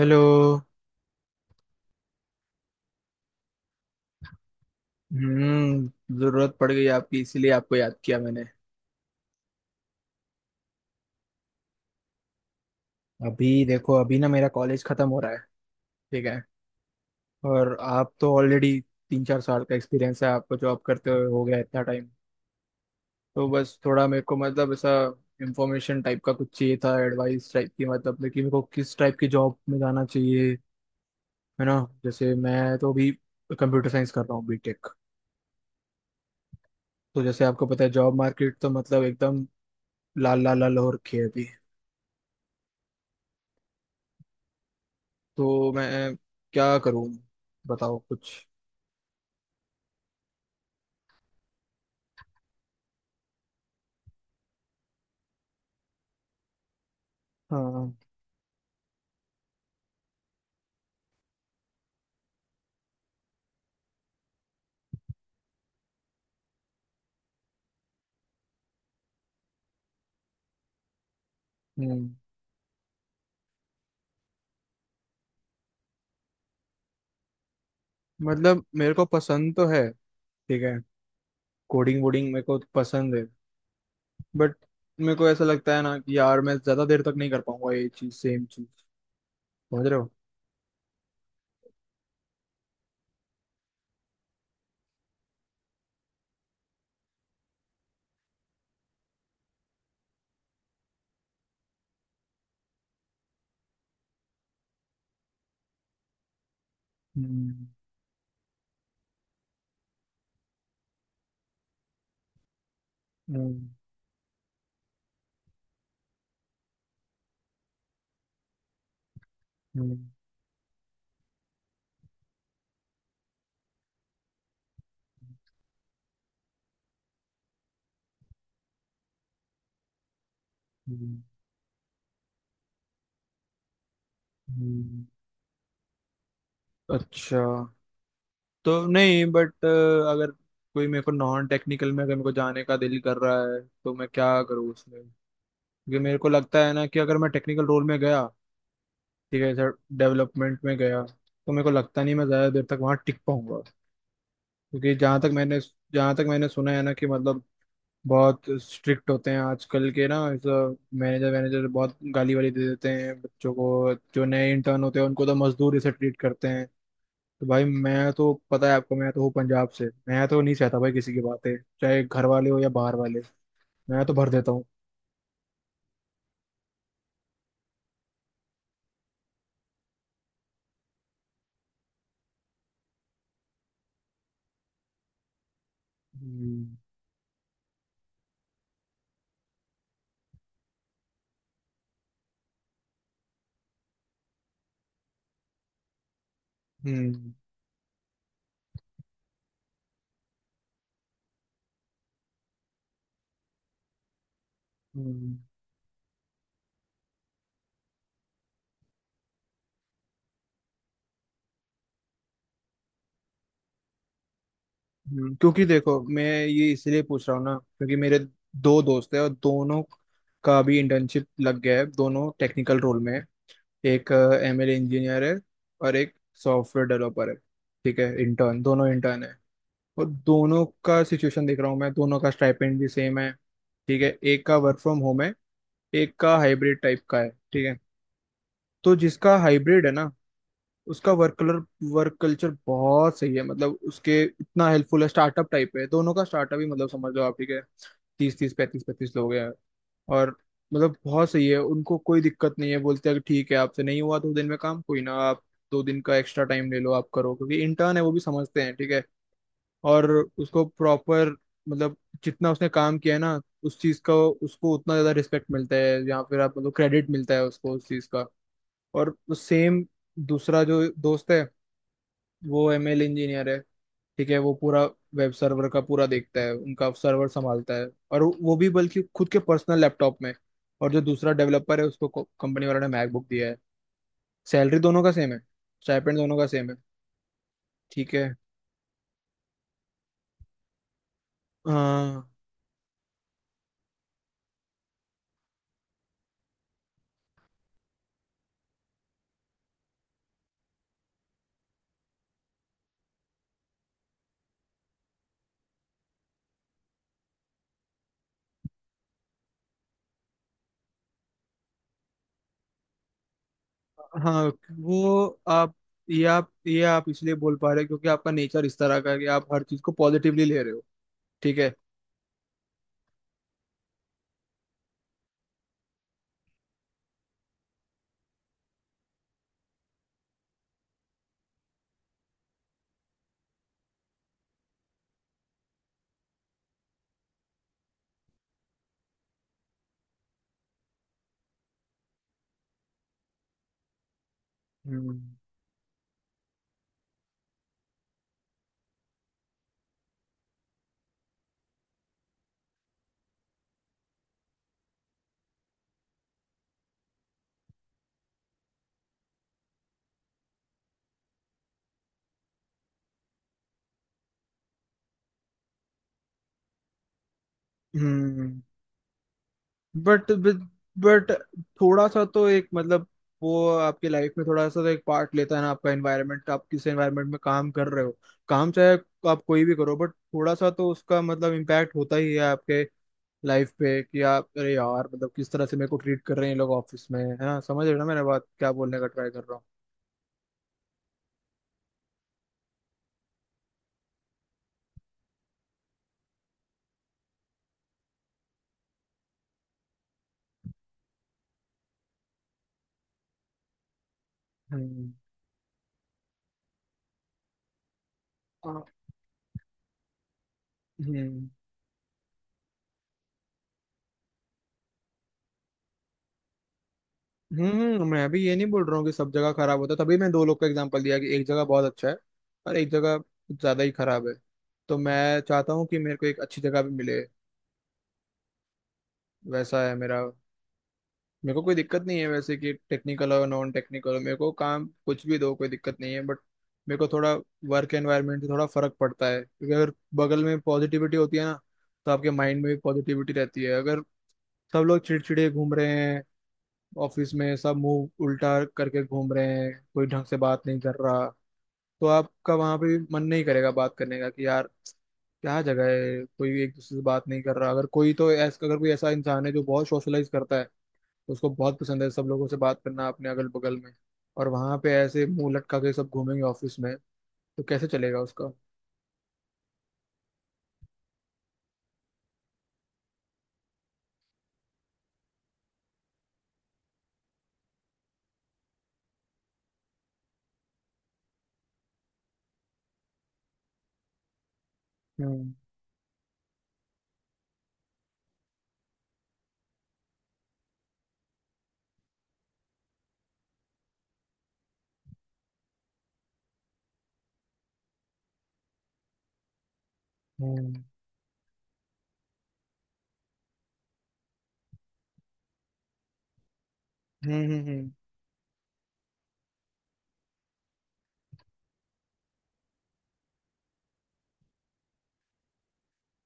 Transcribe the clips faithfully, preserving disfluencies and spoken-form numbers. Hello. हम्म। जरूरत पड़ गई आपकी, इसीलिए आपको याद किया मैंने। अभी देखो, अभी ना मेरा कॉलेज खत्म हो रहा है। ठीक है। और आप तो ऑलरेडी तीन चार साल का एक्सपीरियंस है, आपको जॉब करते हुए हो गया इतना टाइम। तो बस थोड़ा मेरे को, मतलब ऐसा इंफॉर्मेशन टाइप का कुछ चाहिए था, एडवाइस टाइप की मतलब, लेकिन मेरे को किस टाइप की जॉब में जाना चाहिए, है ना। जैसे मैं तो अभी कंप्यूटर साइंस कर रहा हूँ, बीटेक। तो जैसे आपको पता है जॉब मार्केट तो मतलब एकदम लाल लाल लाल हो रखी है अभी। तो मैं क्या करूँ? बताओ कुछ। हाँ। हम्म। मतलब मेरे को पसंद तो है। ठीक है, कोडिंग वोडिंग मेरे को पसंद है, बट मेरे को ऐसा लगता है ना कि यार मैं ज्यादा देर तक नहीं कर पाऊंगा ये चीज, सेम चीज। समझ रहे हो? हम्म। हम्म। हम्म। हम्म। हम्म। अच्छा। तो नहीं, बट अगर कोई, मेरे को नॉन टेक्निकल में अगर मेरे को जाने का दिल कर रहा है, तो मैं क्या करूँ उसमें? क्योंकि मेरे को लगता है ना कि अगर मैं टेक्निकल रोल में गया, ठीक है सर, डेवलपमेंट में गया तो मेरे को लगता नहीं मैं ज़्यादा देर तक वहाँ टिक पाऊंगा। क्योंकि जहाँ तक मैंने जहाँ तक मैंने सुना है ना कि मतलब, बहुत स्ट्रिक्ट होते हैं आजकल के ना मैनेजर, मैनेजर बहुत गाली वाली दे देते हैं बच्चों को, जो नए इंटर्न होते हैं उनको तो मजदूर से ट्रीट करते हैं। तो भाई मैं तो, पता है आपको, मैं तो हूँ पंजाब से। मैं तो नहीं सहता भाई किसी की बातें, चाहे घर वाले हो या बाहर वाले। मैं तो भर देता हूँ। हम्म। हम्म। हम्म। हम्म। क्योंकि देखो मैं ये इसलिए पूछ रहा हूँ ना, क्योंकि मेरे दो दोस्त हैं और दोनों का भी इंटर्नशिप लग गया है, दोनों टेक्निकल रोल में हैं। एक एम एल इंजीनियर है और एक सॉफ्टवेयर डेवलपर है। ठीक है, इंटर्न, दोनों इंटर्न है। और दोनों का सिचुएशन देख रहा हूँ मैं, दोनों का स्टाइपेंड भी सेम है। ठीक है, एक का वर्क फ्रॉम होम है, एक का हाइब्रिड टाइप का है। ठीक है। तो जिसका हाइब्रिड है ना, उसका वर्क कलर वर्क कल्चर बहुत सही है, मतलब उसके इतना हेल्पफुल है, स्टार्टअप टाइप है, दोनों का स्टार्टअप ही मतलब, समझ लो आप। ठीक है। तीस तीस पैंतीस पैंतीस लोग हैं, और मतलब बहुत सही है, उनको कोई दिक्कत नहीं है। बोलते हैं कि ठीक है, आपसे नहीं हुआ दो दिन में काम, कोई ना, आप दो दिन का एक्स्ट्रा टाइम ले लो, आप करो, क्योंकि इंटर्न है, वो भी समझते हैं। ठीक है। और उसको प्रॉपर, मतलब जितना उसने काम किया है ना उस चीज का, उसको उतना ज्यादा रिस्पेक्ट मिलता है या फिर आप मतलब क्रेडिट मिलता है उसको उस चीज का। और सेम, दूसरा जो दोस्त है वो एम एल इंजीनियर है। ठीक है, वो पूरा वेब सर्वर का पूरा देखता है, उनका सर्वर संभालता है, और वो भी बल्कि खुद के पर्सनल लैपटॉप में। और जो दूसरा डेवलपर है उसको कंपनी वालों ने मैकबुक दिया है। सैलरी दोनों का सेम है, स्टाइपेंड दोनों का सेम है। ठीक है। हाँ। हाँ। वो आप ये आप ये आप इसलिए बोल पा रहे हो क्योंकि आपका नेचर इस तरह का है कि आप हर चीज को पॉजिटिवली ले रहे हो। ठीक है। हम्म। हम्म। बट बट थोड़ा सा तो एक मतलब, वो आपकी लाइफ में थोड़ा सा तो एक पार्ट लेता है ना आपका एनवायरनमेंट, आप किस एनवायरनमेंट में काम कर रहे हो। काम चाहे आप कोई भी करो, बट थोड़ा सा तो उसका मतलब इम्पैक्ट होता ही है आपके लाइफ पे कि आप, अरे यार मतलब, किस तरह से मेरे को ट्रीट कर रहे हैं ये लोग ऑफिस में, है ना? समझ रहे हो ना मेरा बात, क्या बोलने का ट्राई कर रहा हूँ? हम्म। आ- हम्म। हम्म। मैं अभी ये नहीं बोल रहा हूँ कि सब जगह खराब होता है। तभी मैं दो लोग का एग्जांपल दिया कि एक जगह बहुत अच्छा है और एक जगह कुछ ज्यादा ही खराब है। तो मैं चाहता हूँ कि मेरे को एक अच्छी जगह भी मिले, वैसा है मेरा। मेरे को कोई दिक्कत नहीं है वैसे, कि टेक्निकल और नॉन टेक्निकल हो, मेरे को काम कुछ भी दो, कोई दिक्कत नहीं है, बट मेरे को थोड़ा वर्क एनवायरनमेंट से थोड़ा फर्क पड़ता है, क्योंकि अगर बगल में पॉजिटिविटी होती है ना, तो आपके माइंड में भी पॉजिटिविटी रहती है। अगर सब लोग चिड़चिड़े घूम रहे हैं, ऑफिस में सब मुंह उल्टा करके घूम रहे हैं, कोई ढंग से बात नहीं कर रहा, तो आपका वहां पे भी मन नहीं करेगा बात करने का, कि यार क्या जगह है, कोई एक दूसरे से बात नहीं कर रहा। अगर कोई तो ऐसा अगर कोई ऐसा इंसान है जो बहुत सोशलाइज करता है, तो उसको बहुत पसंद है सब लोगों से बात करना अपने अगल बगल में, और वहां पे ऐसे मुंह लटका के सब घूमेंगे ऑफिस में, तो कैसे चलेगा उसका? हम्म। हम्म। हम्म। हम्म।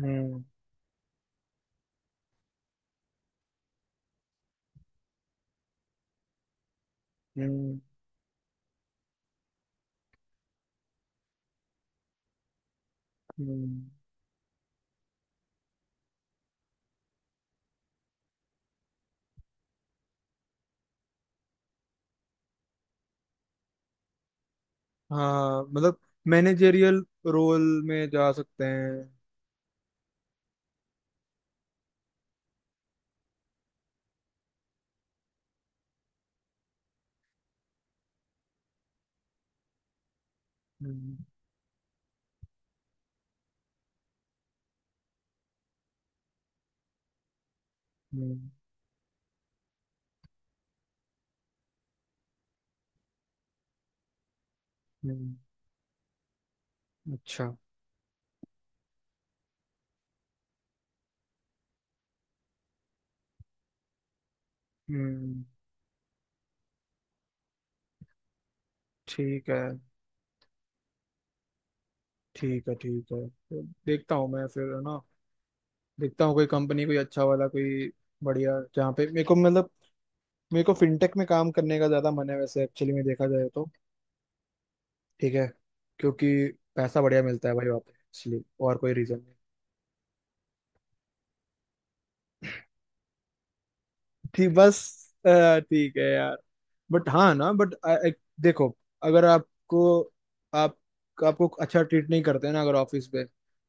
हम्म। हम्म। हम्म। हम्म। हाँ, मतलब मैनेजेरियल रोल में जा सकते हैं। हम्म। हम्म। हम्म। हम्म। अच्छा। हम्म। ठीक है। ठीक है। ठीक है, तो देखता हूँ मैं फिर, है ना। देखता हूँ कोई कंपनी, कोई अच्छा वाला, कोई बढ़िया, जहाँ पे मेरे को मतलब, मेरे को फिनटेक में काम करने का ज्यादा मन है वैसे, एक्चुअली में देखा जाए तो। ठीक है। क्योंकि पैसा बढ़िया मिलता है भाई वहाँ पे, इसलिए। और कोई रीजन नहीं। ठीक, बस। अ, ठीक है यार। बट हाँ ना, बट देखो, अगर आपको आप आपको अच्छा ट्रीट नहीं करते ना अगर ऑफिस पे,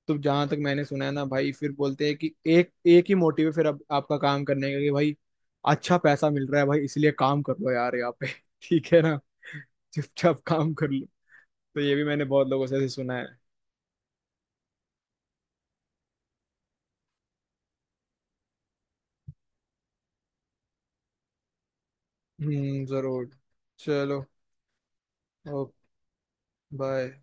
तो जहां तक मैंने सुना है ना भाई, फिर बोलते हैं कि एक एक ही मोटिव है फिर अब आपका काम करने का, कि भाई अच्छा पैसा मिल रहा है भाई, इसलिए काम कर लो यार यहाँ पे, ठीक है ना, चुपचाप काम कर लो। तो ये भी मैंने बहुत लोगों से ऐसे सुना है। हम्म, जरूर। चलो। ओके। बाय।